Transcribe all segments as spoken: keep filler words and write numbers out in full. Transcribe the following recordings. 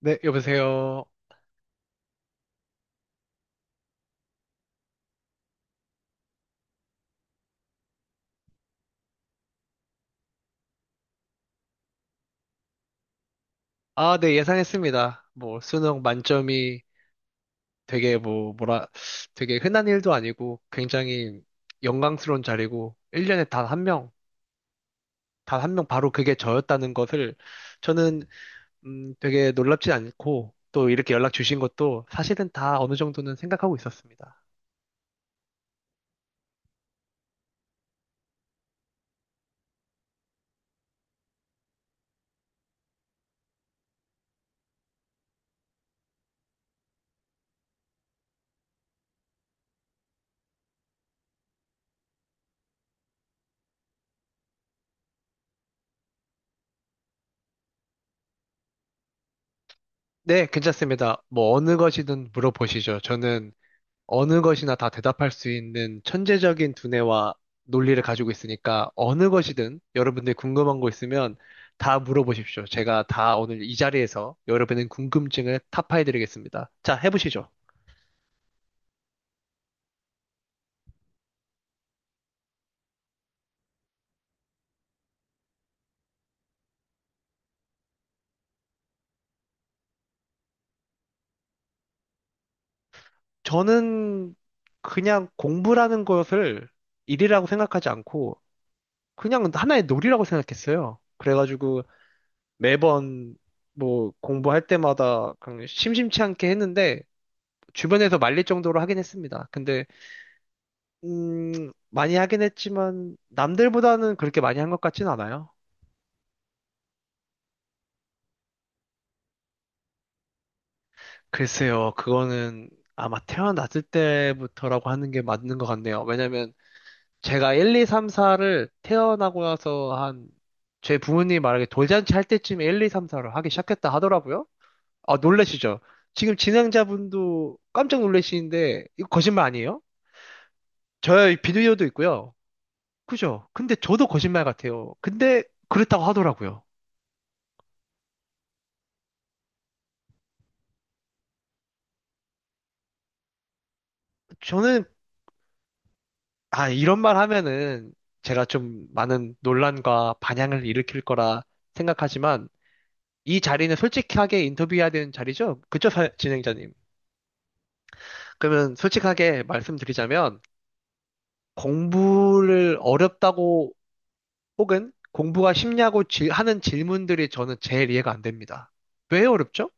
네, 여보세요. 아, 네, 예상했습니다. 뭐, 수능 만점이 되게 뭐, 뭐라, 되게 흔한 일도 아니고 굉장히 영광스러운 자리고, 일 년에 단 한 명, 단 한 명 바로 그게 저였다는 것을 저는, 음, 되게 놀랍지 않고, 또 이렇게 연락 주신 것도 사실은 다 어느 정도는 생각하고 있었습니다. 네, 괜찮습니다. 뭐, 어느 것이든 물어보시죠. 저는 어느 것이나 다 대답할 수 있는 천재적인 두뇌와 논리를 가지고 있으니까 어느 것이든 여러분들이 궁금한 거 있으면 다 물어보십시오. 제가 다 오늘 이 자리에서 여러분의 궁금증을 타파해드리겠습니다. 자, 해보시죠. 저는 그냥 공부라는 것을 일이라고 생각하지 않고 그냥 하나의 놀이라고 생각했어요. 그래가지고 매번 뭐 공부할 때마다 그냥 심심치 않게 했는데 주변에서 말릴 정도로 하긴 했습니다. 근데 음, 많이 하긴 했지만 남들보다는 그렇게 많이 한 것 같진 않아요. 글쎄요, 그거는 아마 태어났을 때부터라고 하는 게 맞는 것 같네요. 왜냐면 제가 하나, 둘, 셋, 사를 태어나고 나서 한 제 부모님이 말하기 돌잔치 할 때쯤에 하나, 둘, 셋, 넷을 하기 시작했다 하더라고요. 아, 놀라시죠? 지금 진행자분도 깜짝 놀라시는데 이거 거짓말 아니에요? 저의 비디오도 있고요. 그죠? 근데 저도 거짓말 같아요. 근데 그랬다고 하더라고요. 저는 아, 이런 말 하면은 제가 좀 많은 논란과 반향을 일으킬 거라 생각하지만 이 자리는 솔직하게 인터뷰해야 되는 자리죠? 그쵸, 사- 진행자님? 그러면 솔직하게 말씀드리자면 공부를 어렵다고 혹은 공부가 쉽냐고 질- 하는 질문들이 저는 제일 이해가 안 됩니다. 왜 어렵죠?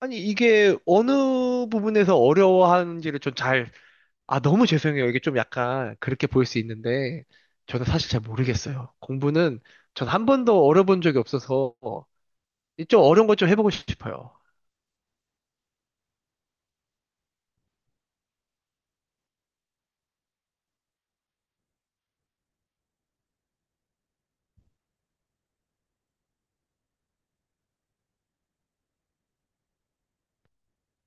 아니, 이게 어느 부분에서 어려워하는지를 좀잘. 아, 너무 죄송해요. 이게 좀 약간 그렇게 보일 수 있는데, 저는 사실 잘 모르겠어요. 공부는 전 한 번도 어려본 적이 없어서, 좀 어려운 것 좀 해보고 싶어요.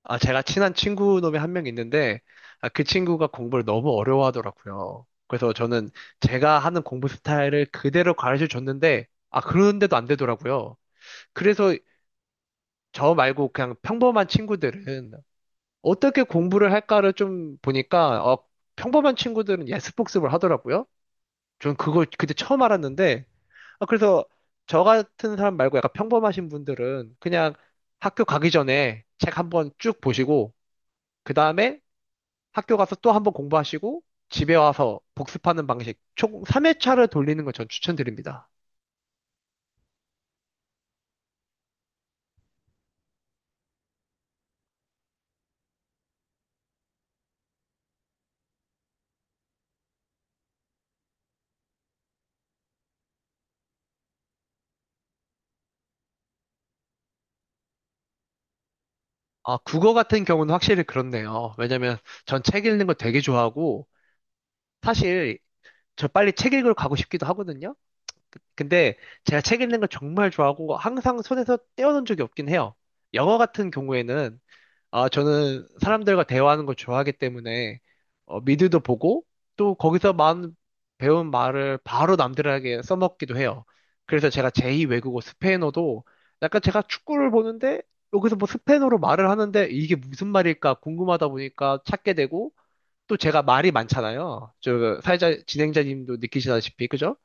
아, 제가 친한 친구 놈이 한 명 있는데, 아, 그 친구가 공부를 너무 어려워하더라고요. 그래서 저는 제가 하는 공부 스타일을 그대로 가르쳐 줬는데, 아, 그런데도 안 되더라고요. 그래서 저 말고 그냥 평범한 친구들은 어떻게 공부를 할까를 좀 보니까, 어, 평범한 친구들은 예습 복습을 하더라고요. 전 그걸 그때 처음 알았는데, 아, 그래서 저 같은 사람 말고 약간 평범하신 분들은 그냥 학교 가기 전에 책 한번 쭉 보시고, 그 다음에 학교 가서 또 한번 공부하시고, 집에 와서 복습하는 방식, 총 삼 회차를 돌리는 걸 전 추천드립니다. 아, 국어 같은 경우는 확실히 그렇네요. 왜냐면 전 책 읽는 거 되게 좋아하고, 사실 저 빨리 책 읽으러 가고 싶기도 하거든요. 근데 제가 책 읽는 걸 정말 좋아하고, 항상 손에서 떼어놓은 적이 없긴 해요. 영어 같은 경우에는 아, 저는 사람들과 대화하는 걸 좋아하기 때문에, 어, 미드도 보고, 또 거기서 만, 배운 말을 바로 남들에게 써먹기도 해요. 그래서 제가 제이 외국어 스페인어도, 약간 제가 축구를 보는데, 여기서 뭐 스페인어로 말을 하는데, 이게 무슨 말일까 궁금하다 보니까 찾게 되고, 또 제가 말이 많잖아요. 저, 사회자, 진행자님도 느끼시다시피, 그죠?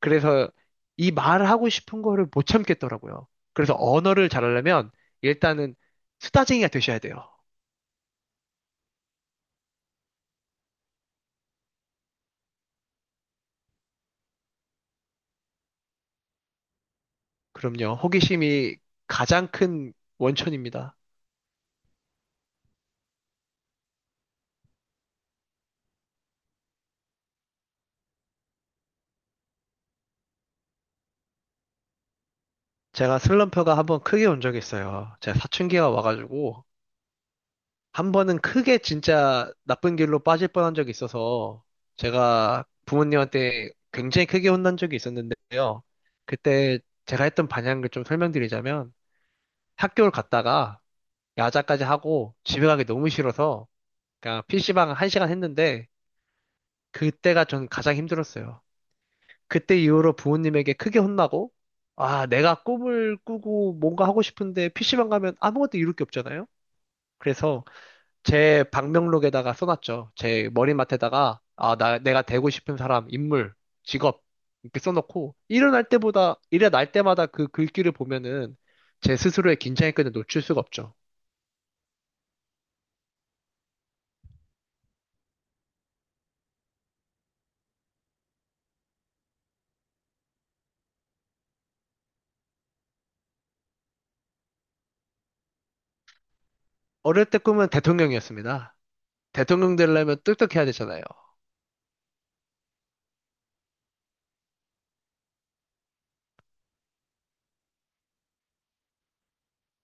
그래서 이 말을 하고 싶은 거를 못 참겠더라고요. 그래서 언어를 잘하려면, 일단은 수다쟁이가 되셔야 돼요. 그럼요. 호기심이 가장 큰 원천입니다. 제가 슬럼프가 한번 크게 온 적이 있어요. 제가 사춘기가 와가지고 한 번은 크게 진짜 나쁜 길로 빠질 뻔한 적이 있어서 제가 부모님한테 굉장히 크게 혼난 적이 있었는데요. 그때 제가 했던 반향을 좀 설명드리자면 학교를 갔다가 야자까지 하고 집에 가기 너무 싫어서 그냥 피시방 한시간 했는데 그때가 전 가장 힘들었어요. 그때 이후로 부모님에게 크게 혼나고, 아, 내가 꿈을 꾸고 뭔가 하고 싶은데 피시방 가면 아무것도 이룰 게 없잖아요? 그래서 제 방명록에다가 써놨죠. 제 머리맡에다가, 아, 나, 내가 되고 싶은 사람, 인물, 직업, 이렇게 써놓고, 일어날 때보다, 일어날 때마다 그 글귀를 보면은 제 스스로의 긴장의 끈을 놓칠 수가 없죠. 어릴 때 꿈은 대통령이었습니다. 대통령 되려면 똑똑해야 되잖아요.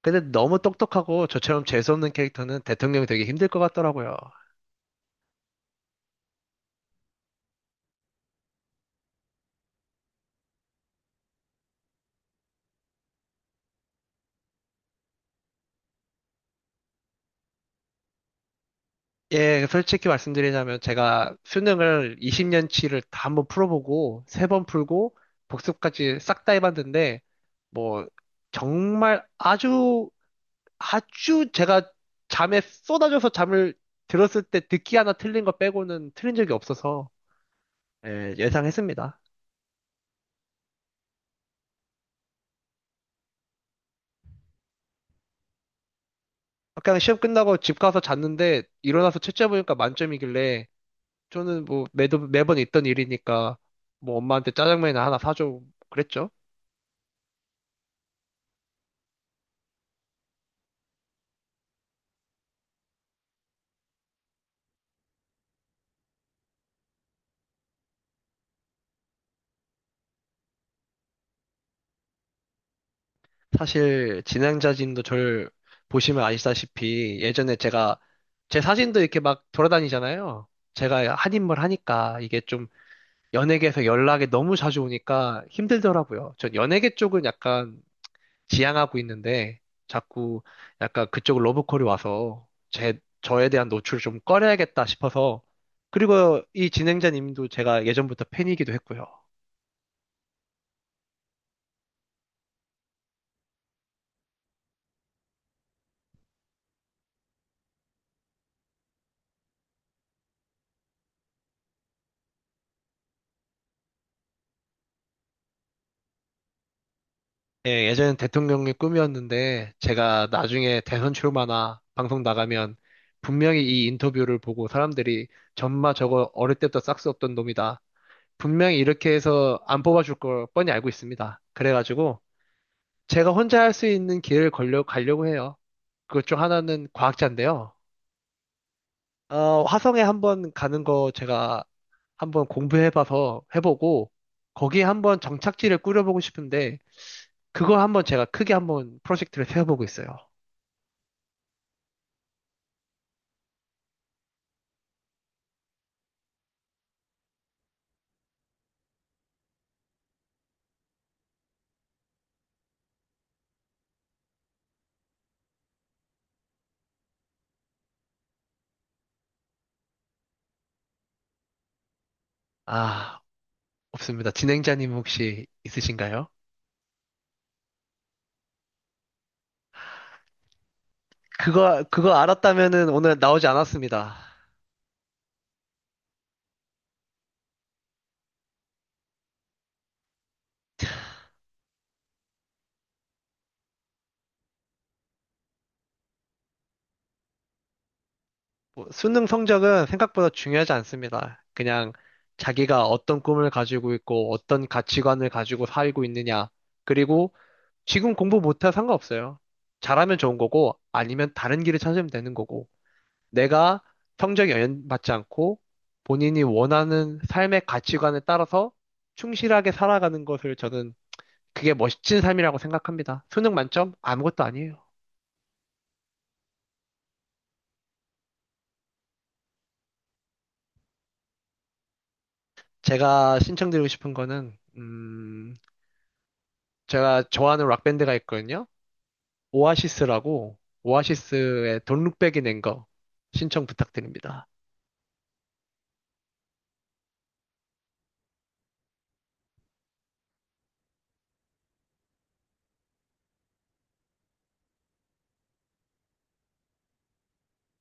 근데 너무 똑똑하고 저처럼 재수없는 캐릭터는 대통령이 되기 힘들 것 같더라고요. 예, 솔직히 말씀드리자면 제가 수능을 이십 년 치를 다 한번 풀어보고 세 번 풀고 복습까지 싹 다 해봤는데 뭐 정말 아주 아주 제가 잠에 쏟아져서 잠을 들었을 때 듣기 하나 틀린 거 빼고는 틀린 적이 없어서 예, 예상했습니다. 그냥 시험 끝나고 집 가서 잤는데 일어나서 채점해보니까 만점이길래 저는 뭐 매도, 매번 있던 일이니까 뭐 엄마한테 짜장면이나 하나 사줘 그랬죠. 사실 진행자진도 저를 보시면 아시다시피 예전에 제가 제 사진도 이렇게 막 돌아다니잖아요. 제가 한인물 하니까 이게 좀 연예계에서 연락이 너무 자주 오니까 힘들더라고요. 전 연예계 쪽은 약간 지향하고 있는데 자꾸 약간 그쪽 러브콜이 와서 제, 저에 대한 노출을 좀 꺼려야겠다 싶어서 그리고 이 진행자님도 제가 예전부터 팬이기도 했고요. 예, 예전엔 대통령의 꿈이었는데 제가 나중에 대선 출마나 방송 나가면 분명히 이 인터뷰를 보고 사람들이 전마 저거 어릴 때부터 싹스 없던 놈이다. 분명히 이렇게 해서 안 뽑아줄 걸 뻔히 알고 있습니다. 그래가지고 제가 혼자 할 수 있는 길을 걸려 가려고 해요. 그것 중 하나는 과학자인데요. 어, 화성에 한번 가는 거 제가 한번 공부해봐서 해보고 거기에 한번 정착지를 꾸려보고 싶은데 그걸 한번 제가 크게 한번 프로젝트를 세워보고 있어요. 아, 없습니다. 진행자님 혹시 있으신가요? 그거, 그거 알았다면은 오늘 나오지 않았습니다. 뭐, 수능 성적은 생각보다 중요하지 않습니다. 그냥 자기가 어떤 꿈을 가지고 있고 어떤 가치관을 가지고 살고 있느냐, 그리고 지금 공부 못해 상관없어요. 잘하면 좋은 거고, 아니면 다른 길을 찾으면 되는 거고, 내가 성적 에 영향받지 않고, 본인이 원하는 삶의 가치관에 따라서 충실하게 살아가는 것을 저는 그게 멋진 삶이라고 생각합니다. 수능 만점? 아무것도 아니에요. 제가 신청드리고 싶은 거는, 음, 제가 좋아하는 락밴드가 있거든요. 오아시스라고, 오아시스의 돈 룩백이 낸 거 신청 부탁드립니다.